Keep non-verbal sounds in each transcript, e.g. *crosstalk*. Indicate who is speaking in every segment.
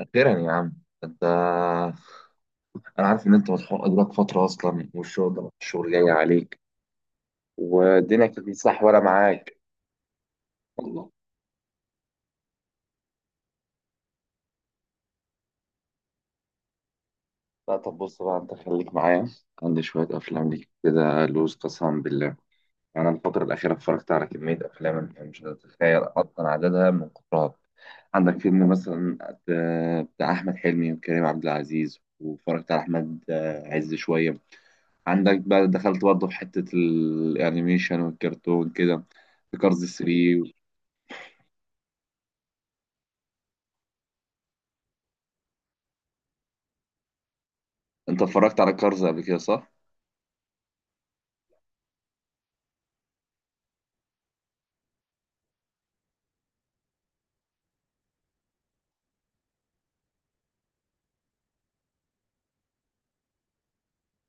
Speaker 1: أخيرا يا عم أنت. أنا عارف إن أنت مسحوق أدراك فترة أصلا، والشغل ده الشغل جاي عليك. والدنيا كانت متصح ولا معاك؟ والله لا، طب بص بقى أنت خليك معايا. عندي شوية أفلام ليك كده لوز قسما بالله. أنا الفترة الأخيرة اتفرجت على كمية أفلام أنت مش هتتخيل أصلا عددها من كترها. عندك فيلم مثلا بتاع أحمد حلمي وكريم عبد العزيز، واتفرجت على أحمد عز شوية. عندك بقى دخلت برضه في حتة الأنيميشن والكرتون كده، في كارز 3. أنت اتفرجت على كارز قبل كده صح؟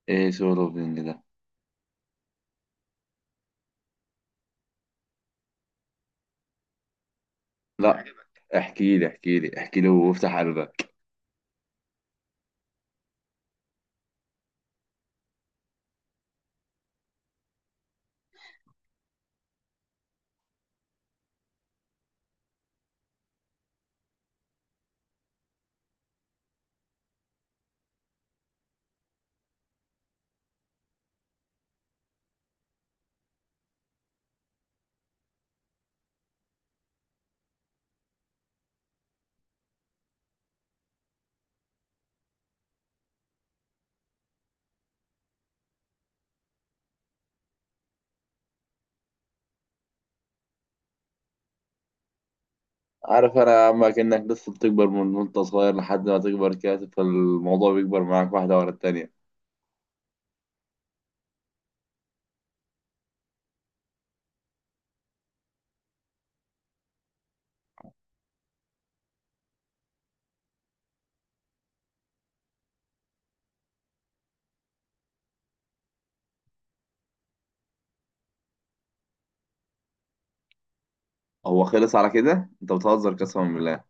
Speaker 1: إيه سولو بينج ده؟ لا، احكي لي احكي لي احكي لي وافتح قلبك. عارف أنا أما كأنك لسه بتكبر من وأنت صغير لحد ما تكبر كده، فالموضوع بيكبر معاك واحدة ورا التانية. هو خلص على كده؟ أنت بتهزر قسما بالله.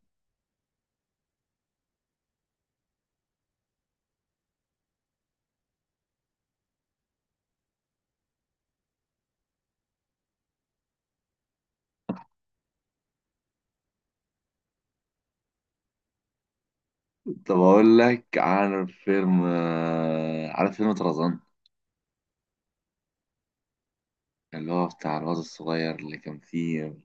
Speaker 1: طب أقول لك، عارف فيلم، عارف فيلم طرزان اللي هو بتاع الواد الصغير اللي كان فيه؟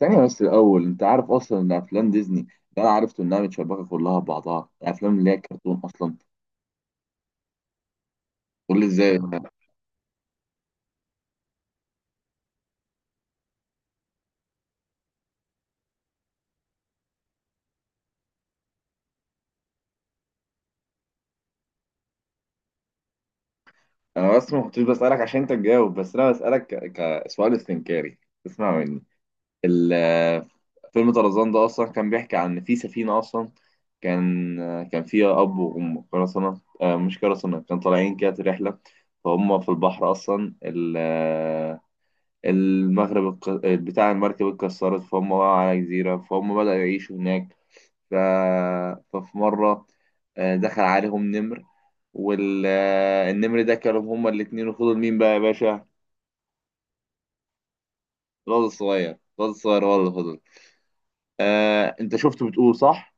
Speaker 1: ثانية بس الأول، أنت عارف أصلا إن أفلام ديزني اللي أنا عرفته إنها متشابكة كلها ببعضها الأفلام اللي هي كرتون أصلا؟ تقول لي إزاي. أنا بس ما كنتش بسألك عشان أنت تجاوب بس أنا بسألك ك- كسؤال استنكاري اسمع مني ال- فيلم طرزان ده أصلا كان بيحكي عن إن في سفينة أصلا، كان كان فيها أب وأم قرصنة، مش قرصنة، كان طالعين كده رحلة. فهم في البحر أصلا، المغرب بتاع المركب اتكسرت، فهم بقى على جزيرة، فهم بدأوا يعيشوا هناك. ف... ففي مرة دخل عليهم نمر، والنمر ده كلهم هما الاتنين، وفضل مين بقى يا باشا؟ الواد الصغير، الواد الصغير هو اللي فضل. انت شفته بتقول صح؟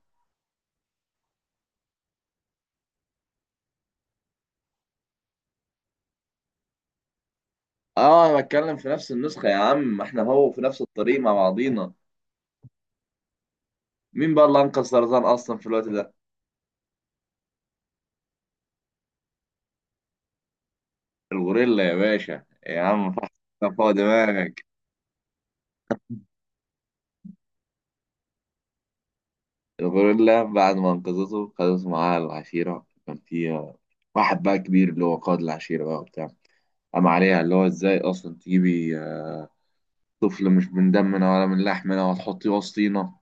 Speaker 1: اه انا بتكلم في نفس النسخة يا عم، ما احنا هو في نفس الطريق مع بعضينا. مين بقى اللي انقذ سرطان اصلا في الوقت ده؟ الغوريلا يا باشا يا عم، فحص فوق دماغك. الغوريلا بعد ما انقذته خدته معاها العشيرة، كان فيها واحد بقى كبير اللي هو قائد العشيرة بقى وبتاع، قام عليها اللي هو ازاي اصلا تجيبي طفل مش من دمنا ولا من لحمنا وتحطيه وسطينا؟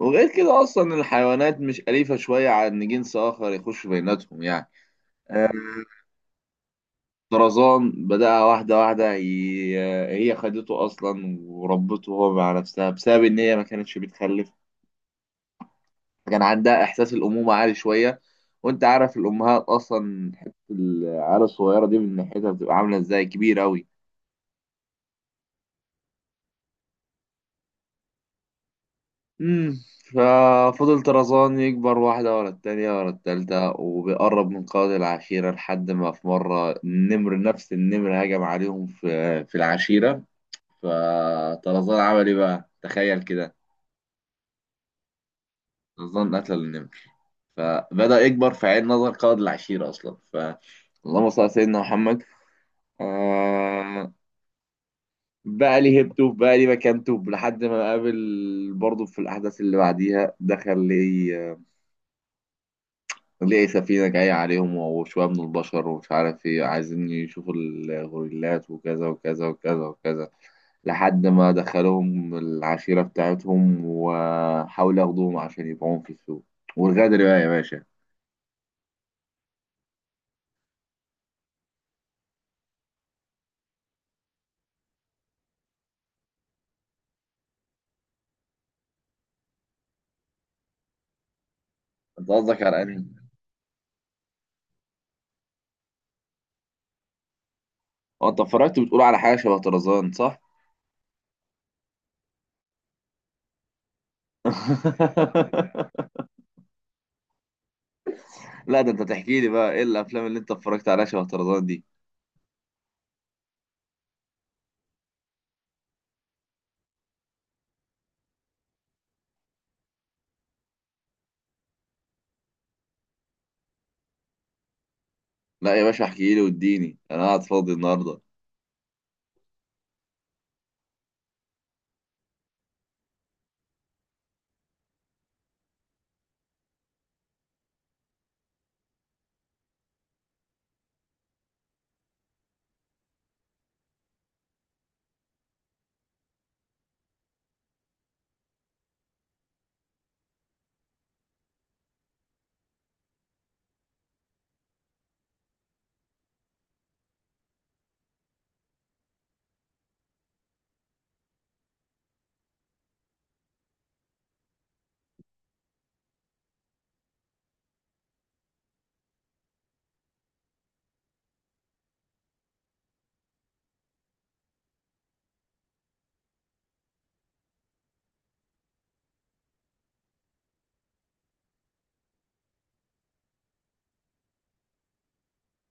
Speaker 1: وغير كده اصلا الحيوانات مش أليفة شوية على ان جنس اخر يخش بيناتهم يعني. آه، طرزان بدأ واحدة واحدة هي خدته اصلا وربته هو مع نفسها بسبب ان هي ما كانتش بتخلف، كان عندها احساس الامومة عالي شوية. وانت عارف الامهات اصلا حتة العيال الصغيرة دي من ناحيتها بتبقى عاملة ازاي، كبيرة اوي. امم ففضل طرزان يكبر واحدة ورا التانية ورا التالتة، وبيقرب من قاضي العشيرة لحد ما في مرة النمر نفس النمر هجم عليهم في العشيرة، فطرزان عمل ايه بقى؟ تخيل كده. طرزان قتل النمر، فبدأ يكبر في عين نظر قاضي العشيرة أصلا. ف اللهم صل على سيدنا محمد. آه... بقى لي هيبته، بقى لي مكانته لحد ما قابل برضه في الأحداث اللي بعديها، دخل لي ليه سفينة جاية عليهم وشوية من البشر ومش عارف ايه، عايزين يشوفوا الغوريلات وكذا وكذا وكذا وكذا، لحد ما دخلوهم العشيرة بتاعتهم وحاولوا ياخدوهم عشان يبيعوهم في السوق. والغدر بقى يا باشا. انت قصدك على انهي؟ هو انت اتفرجت بتقول على حاجة شبه طرزان صح؟ *laughs* لا ده انت تحكي لي بقى ايه الافلام اللي انت اتفرجت عليها شبه طرزان دي؟ لا يا باشا احكي لي، واديني انا قاعد فاضي النهارده.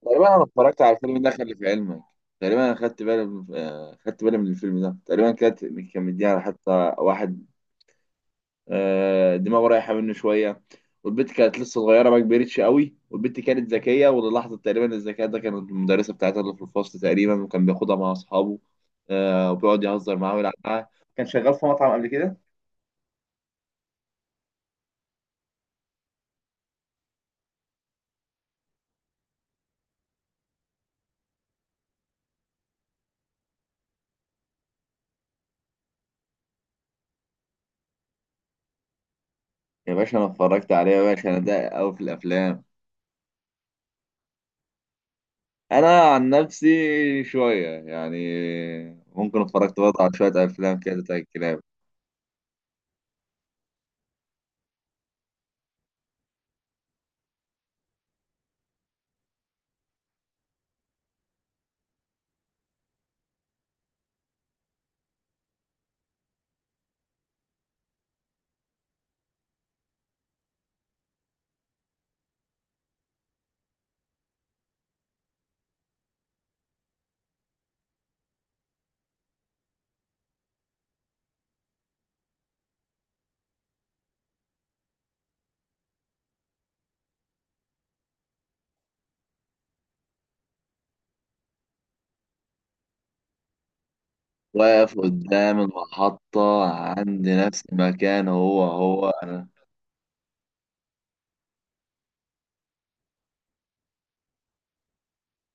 Speaker 1: تقريبا انا اتفرجت على الفيلم ده، خلي في علمك. تقريبا انا خدت بالي من خدت بالي من الفيلم ده، تقريبا كانت كان مديها حتى واحد دماغه رايحه منه شويه، والبنت كانت لسه صغيره ما كبرتش قوي، والبنت كانت ذكيه وللحظه تقريبا الذكاء ده كانت المدرسه بتاعتها اللي في الفصل تقريبا، وكان بياخدها مع اصحابه وبيقعد يهزر معاها ويلعب معاها. كان شغال في مطعم قبل كده. يا باشا انا اتفرجت عليه، يا باشا انا ده قوي في الافلام. انا عن نفسي شويه يعني، ممكن اتفرجت برضه على شويه افلام كده بتاع الكلاب. واقف قدام المحطه عند نفس المكان، هو هو انا.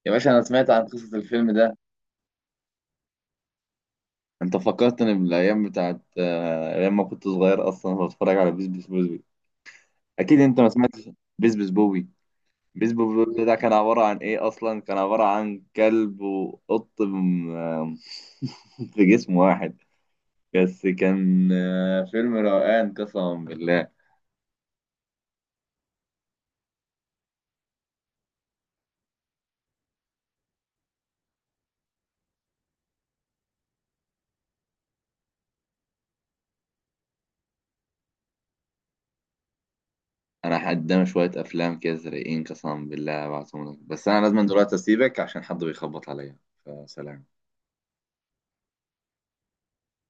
Speaker 1: يا باشا انا سمعت عن قصه الفيلم ده. انت فكرتني بالايام بتاعت ايام ما كنت صغير اصلا، بتفرج على بيس بيس بوبي. اكيد انت ما سمعتش بيس بيس بوبي. بيس بيس بوبي ده كان عباره عن ايه اصلا، كان عباره عن كلب وقط *laughs* في جسم واحد، بس كان فيلم روقان قسما بالله. انا قدامي شويه افلام كده زرقين قسما بالله بعتهم لك، بس انا لازم دلوقتي اسيبك عشان حد بيخبط عليا، فسلام.